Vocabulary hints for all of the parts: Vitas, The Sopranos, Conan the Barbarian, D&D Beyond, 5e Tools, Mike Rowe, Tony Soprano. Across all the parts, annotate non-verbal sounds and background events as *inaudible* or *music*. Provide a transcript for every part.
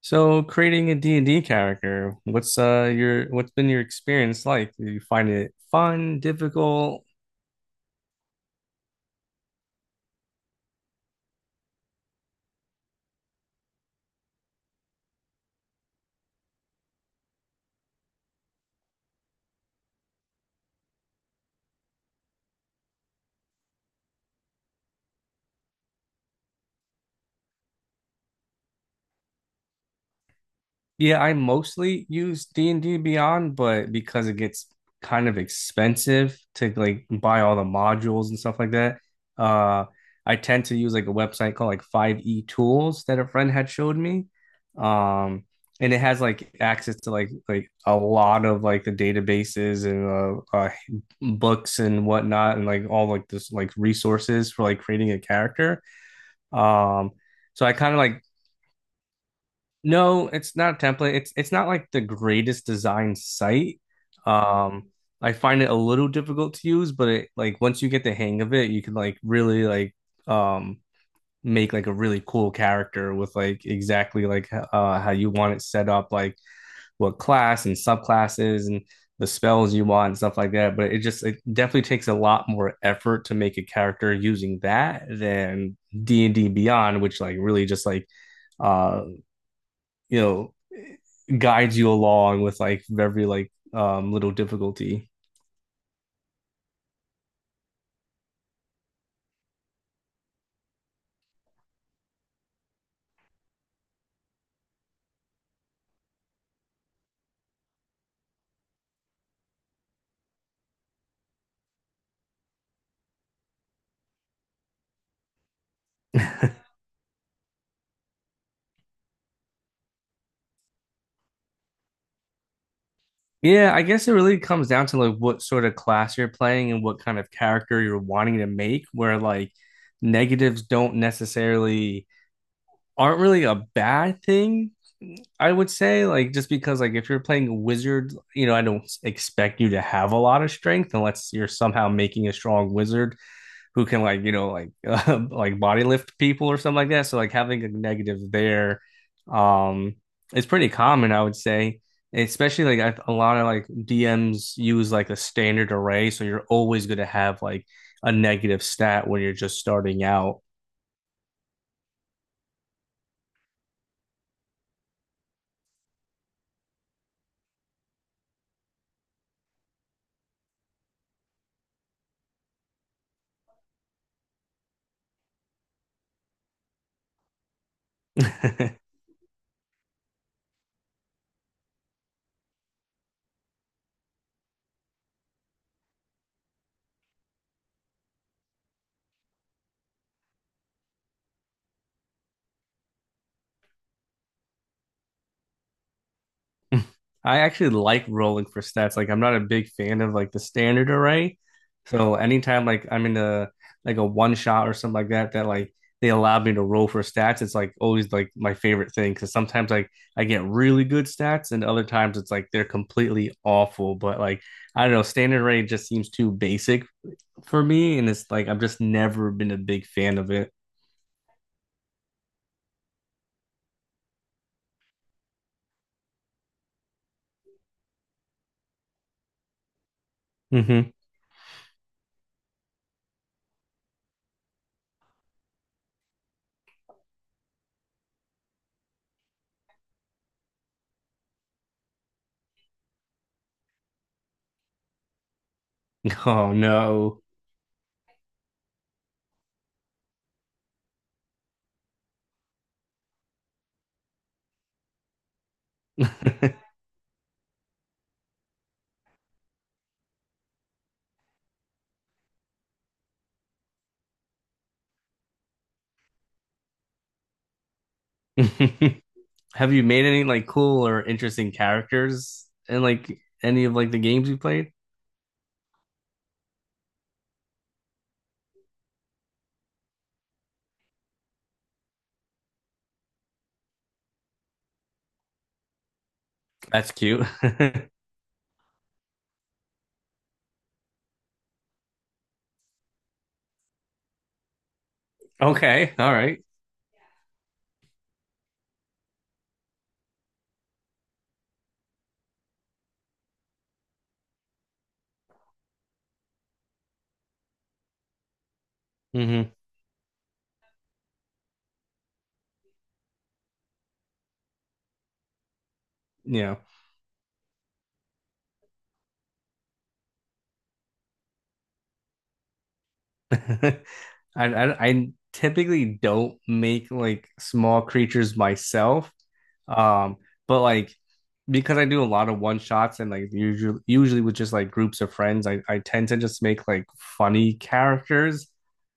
So creating a D and d character, what's been your experience like? Do you find it fun, difficult? Yeah, I mostly use D&D Beyond, but because it gets kind of expensive to like buy all the modules and stuff like that, uh I tend to use like a website called like 5e Tools that a friend had showed me. Um and it has like access to like a lot of like the databases and books and whatnot and like all like this like resources for like creating a character. Um so I kind of like no, it's not a template. It's not like the greatest design site. Um, I find it a little difficult to use, but it like once you get the hang of it, you can like really like um make like a really cool character with like exactly like how you want it set up, like what class and subclasses and the spells you want and stuff like that. But it definitely takes a lot more effort to make a character using that than D&D Beyond, which like really just like uh you know guides you along with like every like little difficulty. *laughs* Yeah, I guess it really comes down to like what sort of class you're playing and what kind of character you're wanting to make where like negatives don't necessarily aren't really a bad thing. I would say like just because like if you're playing a wizard, you know, I don't expect you to have a lot of strength unless you're somehow making a strong wizard who can like you know like *laughs* like body lift people or something like that. So like having a negative there, um, it's pretty common, I would say. Especially a lot of like DMs use like a standard array, so you're always going to have like a negative stat when you're just starting out. *laughs* I actually like rolling for stats. Like I'm not a big fan of like the standard array. So anytime like I'm in a like a one shot or something like that that like they allow me to roll for stats, it's like always like my favorite thing because sometimes like I get really good stats and other times it's like they're completely awful. But like I don't know, standard array just seems too basic for me, and it's like I've just never been a big fan of it. Hmm. Oh no. *laughs* Have you made any like cool or interesting characters in like any of like the games you played? That's cute. *laughs* Okay, all right. Mm-hmm. Yeah, *laughs* I, I typically don't make like small creatures myself, um, but like because I do a lot of one shots and like usually with just like groups of friends, I tend to just make like funny characters,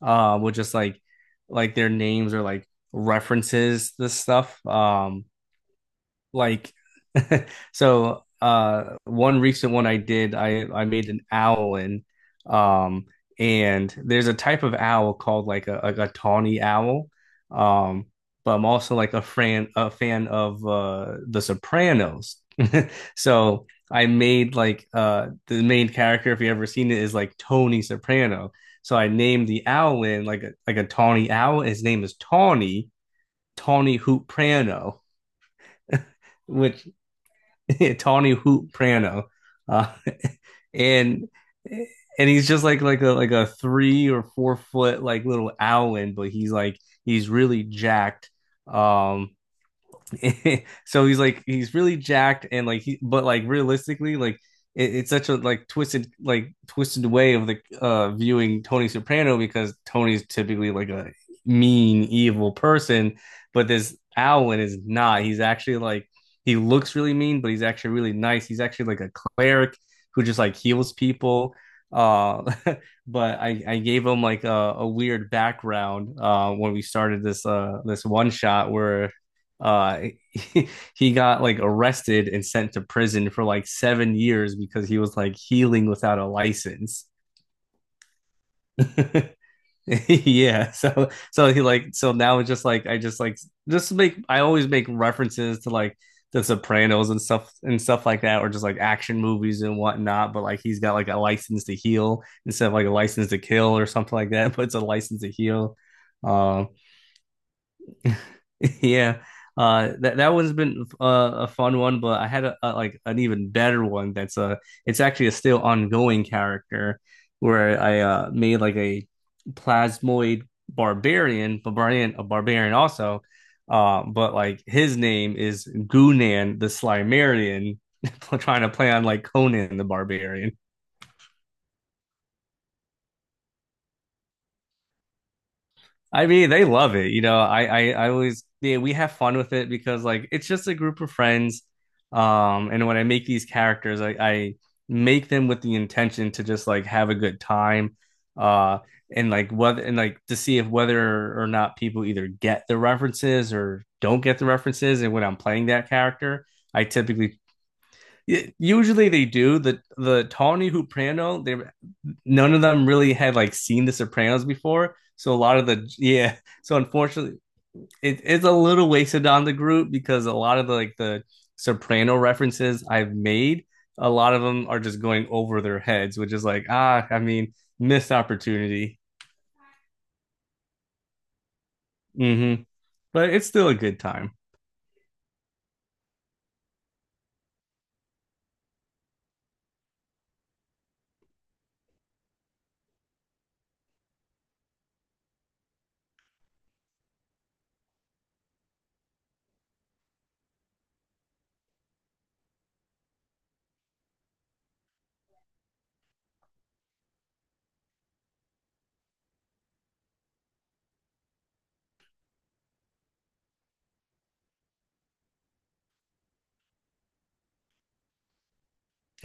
with just like their names or like references the stuff like *laughs* so one recent one I did, I made an owl in um and there's a type of owl called like a tawny owl. Um but I'm also like a fan of The Sopranos. *laughs* So I made like the main character if you ever seen it is like Tony Soprano. So I named the owl in like a tawny owl. His name is Tawny, Tawny Hoop Prano, which *laughs* Tawny Hoop Prano, uh, and and he's just like like a 3 or 4 foot like little owlin, but he's like he's really jacked. Um, *laughs* so he's like he's really jacked and like he but like realistically like it, it's such a like twisted way of the viewing Tony Soprano because Tony's typically like a mean evil person, but this Alwyn is not. He's actually like he looks really mean, but he's actually really nice. He's actually like a cleric who just like heals people. uh *laughs* but I gave him like a weird background when we started this this one shot where uh *laughs* he got like arrested and sent to prison for like 7 years because he was like healing without a license. *laughs* Yeah. So so he like so now it's just like I just like just make I always make references to like the Sopranos and stuff like that, or just like action movies and whatnot. But like he's got like a license to heal instead of like a license to kill or something like that, *laughs* but it's a license to heal. Um uh, *laughs* Yeah, that one's been a fun one, but I had a like an even better one. That's it's actually a still ongoing character where I made like a plasmoid barbarian also, but like his name is Gunan the Slimerian, *laughs* trying to play on like Conan the Barbarian. I mean, they love it. You know, I always, yeah, we have fun with it because like it's just a group of friends. And when I make these characters, I make them with the intention to just like have a good time. Uh, and like whether and like to see if whether or not people either get the references or don't get the references. And when I'm playing that character, I typically usually they do the Tawny Huprano. They none of them really had like seen The Sopranos before. So a lot of the *laughs* yeah, so unfortunately, it, it's a little wasted on the group because a lot of the Soprano references I've made, a lot of them are just going over their heads, which is like ah, I mean, missed opportunity. Mm-hmm. But it's still a good time.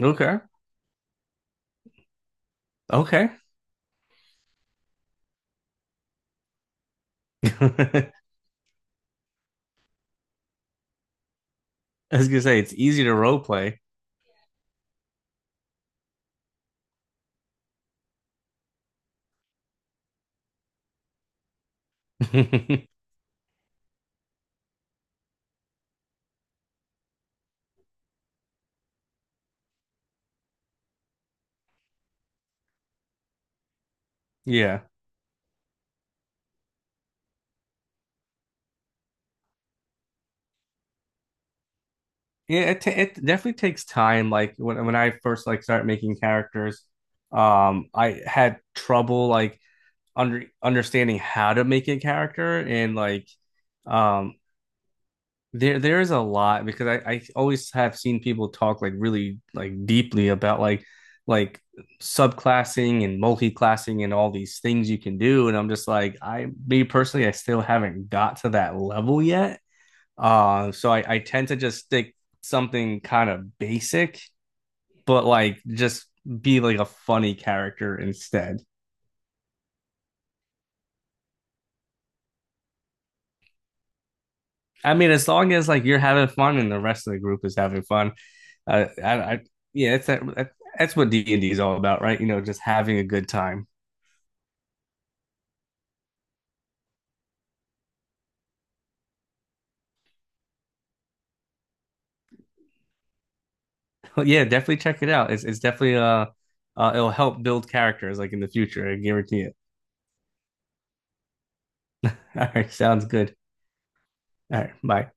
Okay, okay. *laughs* I was gonna say it's easy to role play. *laughs* Yeah. Yeah, it definitely takes time. Like when I first like started making characters, I had trouble like understanding how to make a character and like um there there is a lot because I always have seen people talk like really like deeply about like subclassing and multi-classing and all these things you can do, and I'm just like I me personally I still haven't got to that level yet. So I tend to just stick something kind of basic but like just be like a funny character instead. I mean, as long as like you're having fun and the rest of the group is having fun, I yeah, that's what D and D is all about, right? You know, just having a good time. *laughs* But yeah, definitely check it out. It's definitely it'll help build characters like in the future. I guarantee it. *laughs* All right, sounds good. All right, bye.